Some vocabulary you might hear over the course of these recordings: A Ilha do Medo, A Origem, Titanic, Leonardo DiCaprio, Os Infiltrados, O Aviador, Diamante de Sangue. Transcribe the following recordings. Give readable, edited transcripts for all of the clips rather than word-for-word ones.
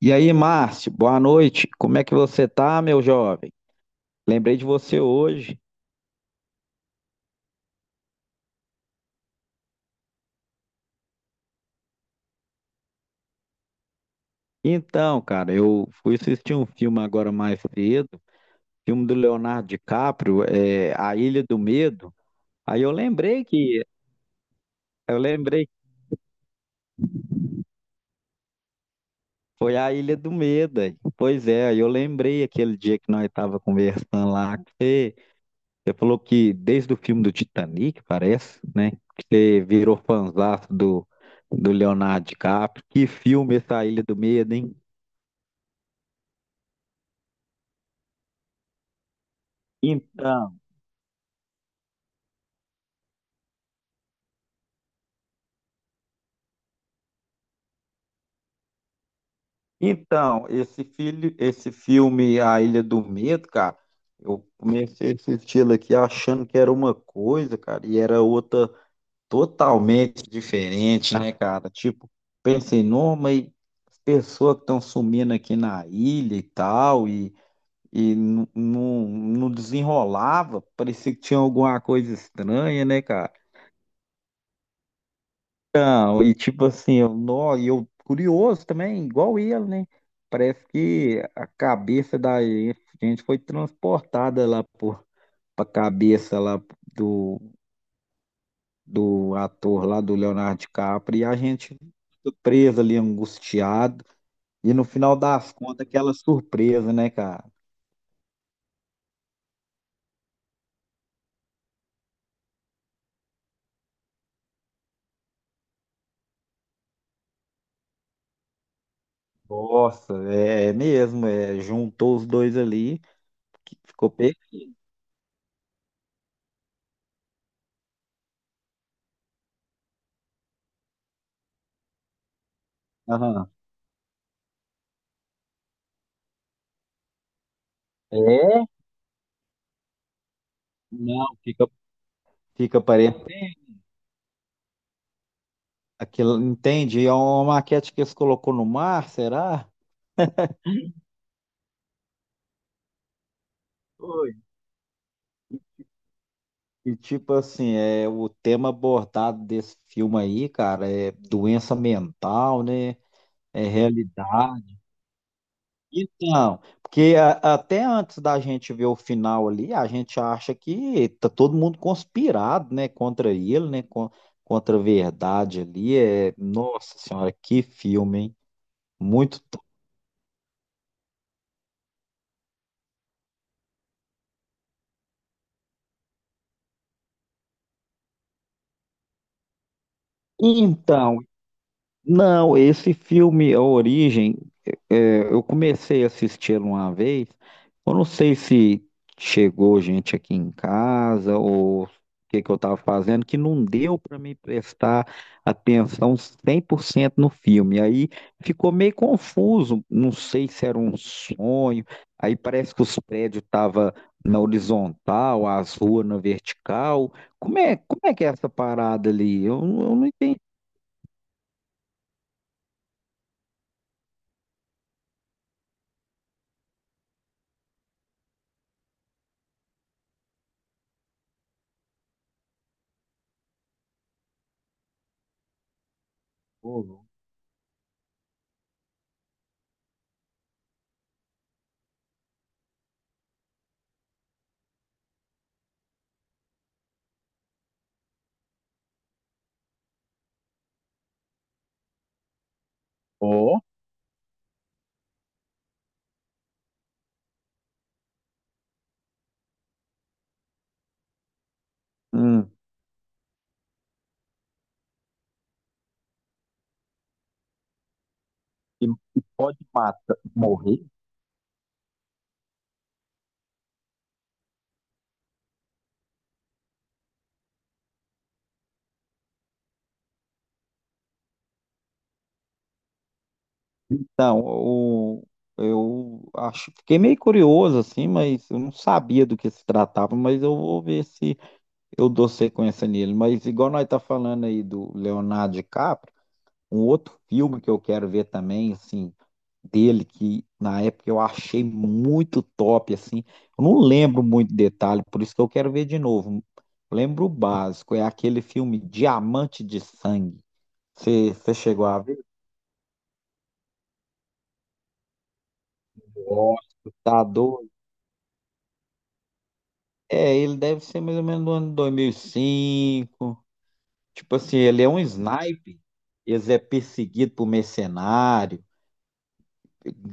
E aí, Márcio, boa noite. Como é que você tá, meu jovem? Lembrei de você hoje. Então, cara, eu fui assistir um filme agora mais cedo, filme do Leonardo DiCaprio, é, A Ilha do Medo. Aí eu lembrei que foi A Ilha do Medo. Aí. Pois é, aí eu lembrei aquele dia que nós tava conversando lá, que você falou que desde o filme do Titanic, parece, né? Que você virou fãzaço do Leonardo DiCaprio. Que filme essa Ilha do Medo, hein? Então, esse filme A Ilha do Medo, cara, eu comecei a assistir ele aqui achando que era uma coisa, cara, e era outra totalmente diferente, né, cara? Tipo, pensei, não, mas as pessoas que estão sumindo aqui na ilha e tal, e não desenrolava, parecia que tinha alguma coisa estranha, né, cara? Então, e tipo assim, eu, nó, e eu curioso também, igual ele, né? Parece que a cabeça da gente foi transportada lá por, pra cabeça lá do, do ator lá do Leonardo DiCaprio e a gente ficou preso ali, angustiado. E no final das contas, aquela surpresa, né, cara? Nossa, é, é mesmo, é, juntou os dois ali, que ficou pe... Aham. É? Não, fica, fica parecendo. Aquilo, entende? É uma maquete que eles colocou no mar, será? Oi. E tipo assim, é o tema abordado desse filme aí, cara, é doença mental, né? É realidade. Então, porque até antes da gente ver o final ali, a gente acha que tá todo mundo conspirado, né, contra ele, né, contra a verdade ali. É, nossa senhora, que filme, hein? Muito. Então, não, esse filme, A Origem, é, eu comecei a assistir uma vez. Eu não sei se chegou gente aqui em casa ou o que que eu estava fazendo, que não deu para me prestar atenção 100% no filme. Aí ficou meio confuso, não sei se era um sonho. Aí parece que os prédios estavam na horizontal, as ruas na vertical. Como é que é essa parada ali? Eu não entendi. Ô, louco. Hum. E pode mata, morrer? Então, o, eu acho, fiquei meio curioso assim, mas eu não sabia do que se tratava, mas eu vou ver se eu dou sequência nele. Mas igual nós tá falando aí do Leonardo DiCaprio, um outro filme que eu quero ver também, assim, dele que na época eu achei muito top, assim. Eu não lembro muito detalhe, por isso que eu quero ver de novo. Lembro o básico, é aquele filme Diamante de Sangue. Você chegou a... Nossa, tá doido. É, ele deve ser mais ou menos do ano 2005. Tipo assim, ele é um sniper. Eles é perseguido por mercenário.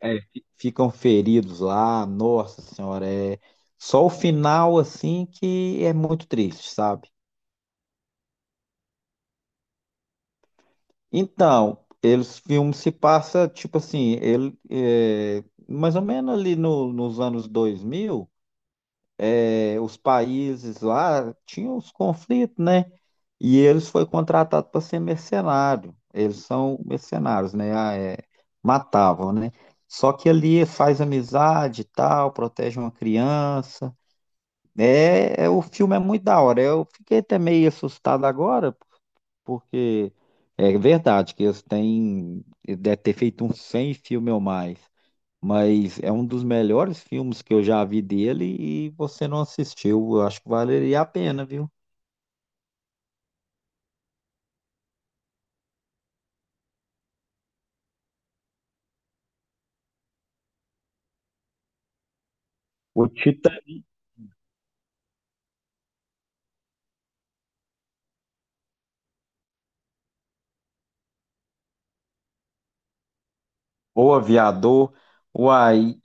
É, ficam feridos lá. Nossa senhora, é só o final assim que é muito triste, sabe? Então, eles filmes se passa tipo assim, ele é, mais ou menos ali nos anos 2000. É, os países lá tinham os conflitos, né? E eles foi contratado para ser mercenário. Eles são mercenários, né? Ah, é, matavam, né? Só que ali faz amizade e tal, protege uma criança. O filme é muito da hora. Eu fiquei até meio assustado agora, porque é verdade que eles têm, deve ter feito uns 100 filmes ou mais, mas é um dos melhores filmes que eu já vi dele e você não assistiu. Eu acho que valeria a pena, viu? O Tita, o Aviador, uai,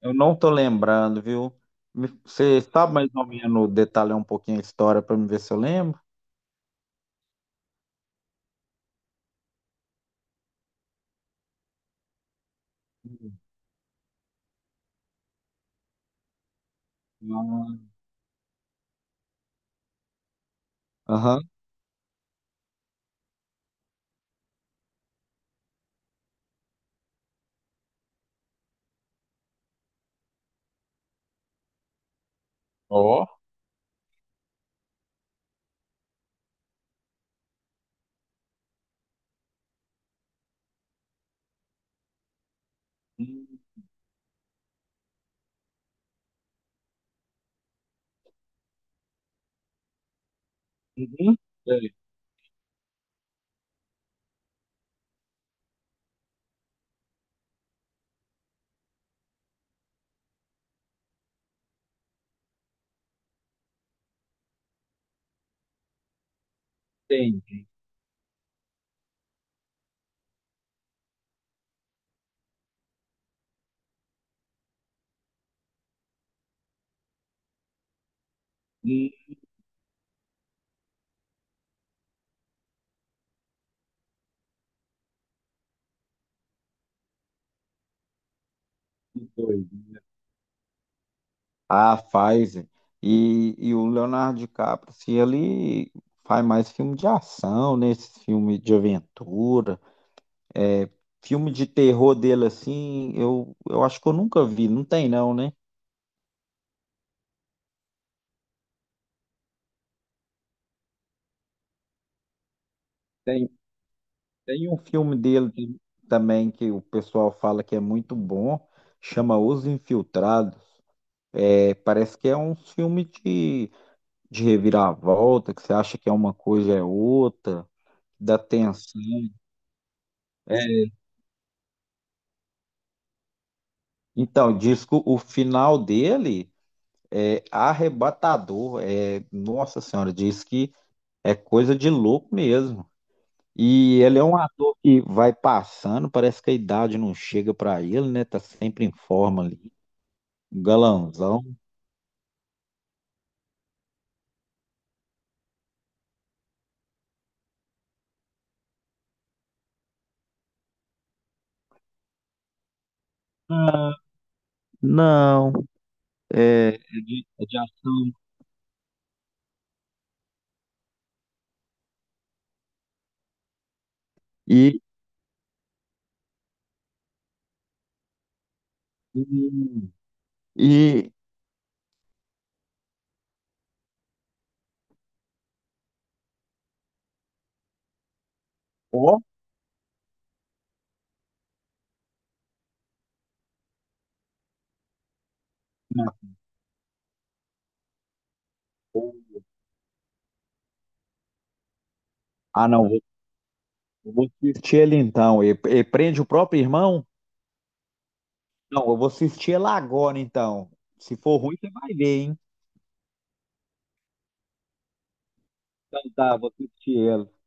eu não tô lembrando, viu? Você sabe mais ou menos detalhar um pouquinho a história para me ver se eu lembro? Hum. Aham. Ó. Uhum. Sei, sei. Um, dois. A Pfizer e o Leonardo DiCaprio, se ele faz mais filme de ação, né? Esses filme de aventura, é, filme de terror dele assim, eu acho que eu nunca vi, não tem não, né? Tem, tem um filme dele de- também que o pessoal fala que é muito bom, chama Os Infiltrados. É, parece que é um filme de reviravolta, que você acha que é uma coisa é outra, da tensão. É, então, disco, o final dele é arrebatador. É, nossa senhora, diz que é coisa de louco mesmo. E ele é um ator que vai passando, parece que a idade não chega para ele, né? Tá sempre em forma ali. Um Galanzão. Não, é, é de ação. E, e ó, ah, não, eu vou assistir ele então. Ele prende o próprio irmão? Não, eu vou assistir ela agora, então. Se for ruim, você vai ver, hein? Então tá, vou assistir ela.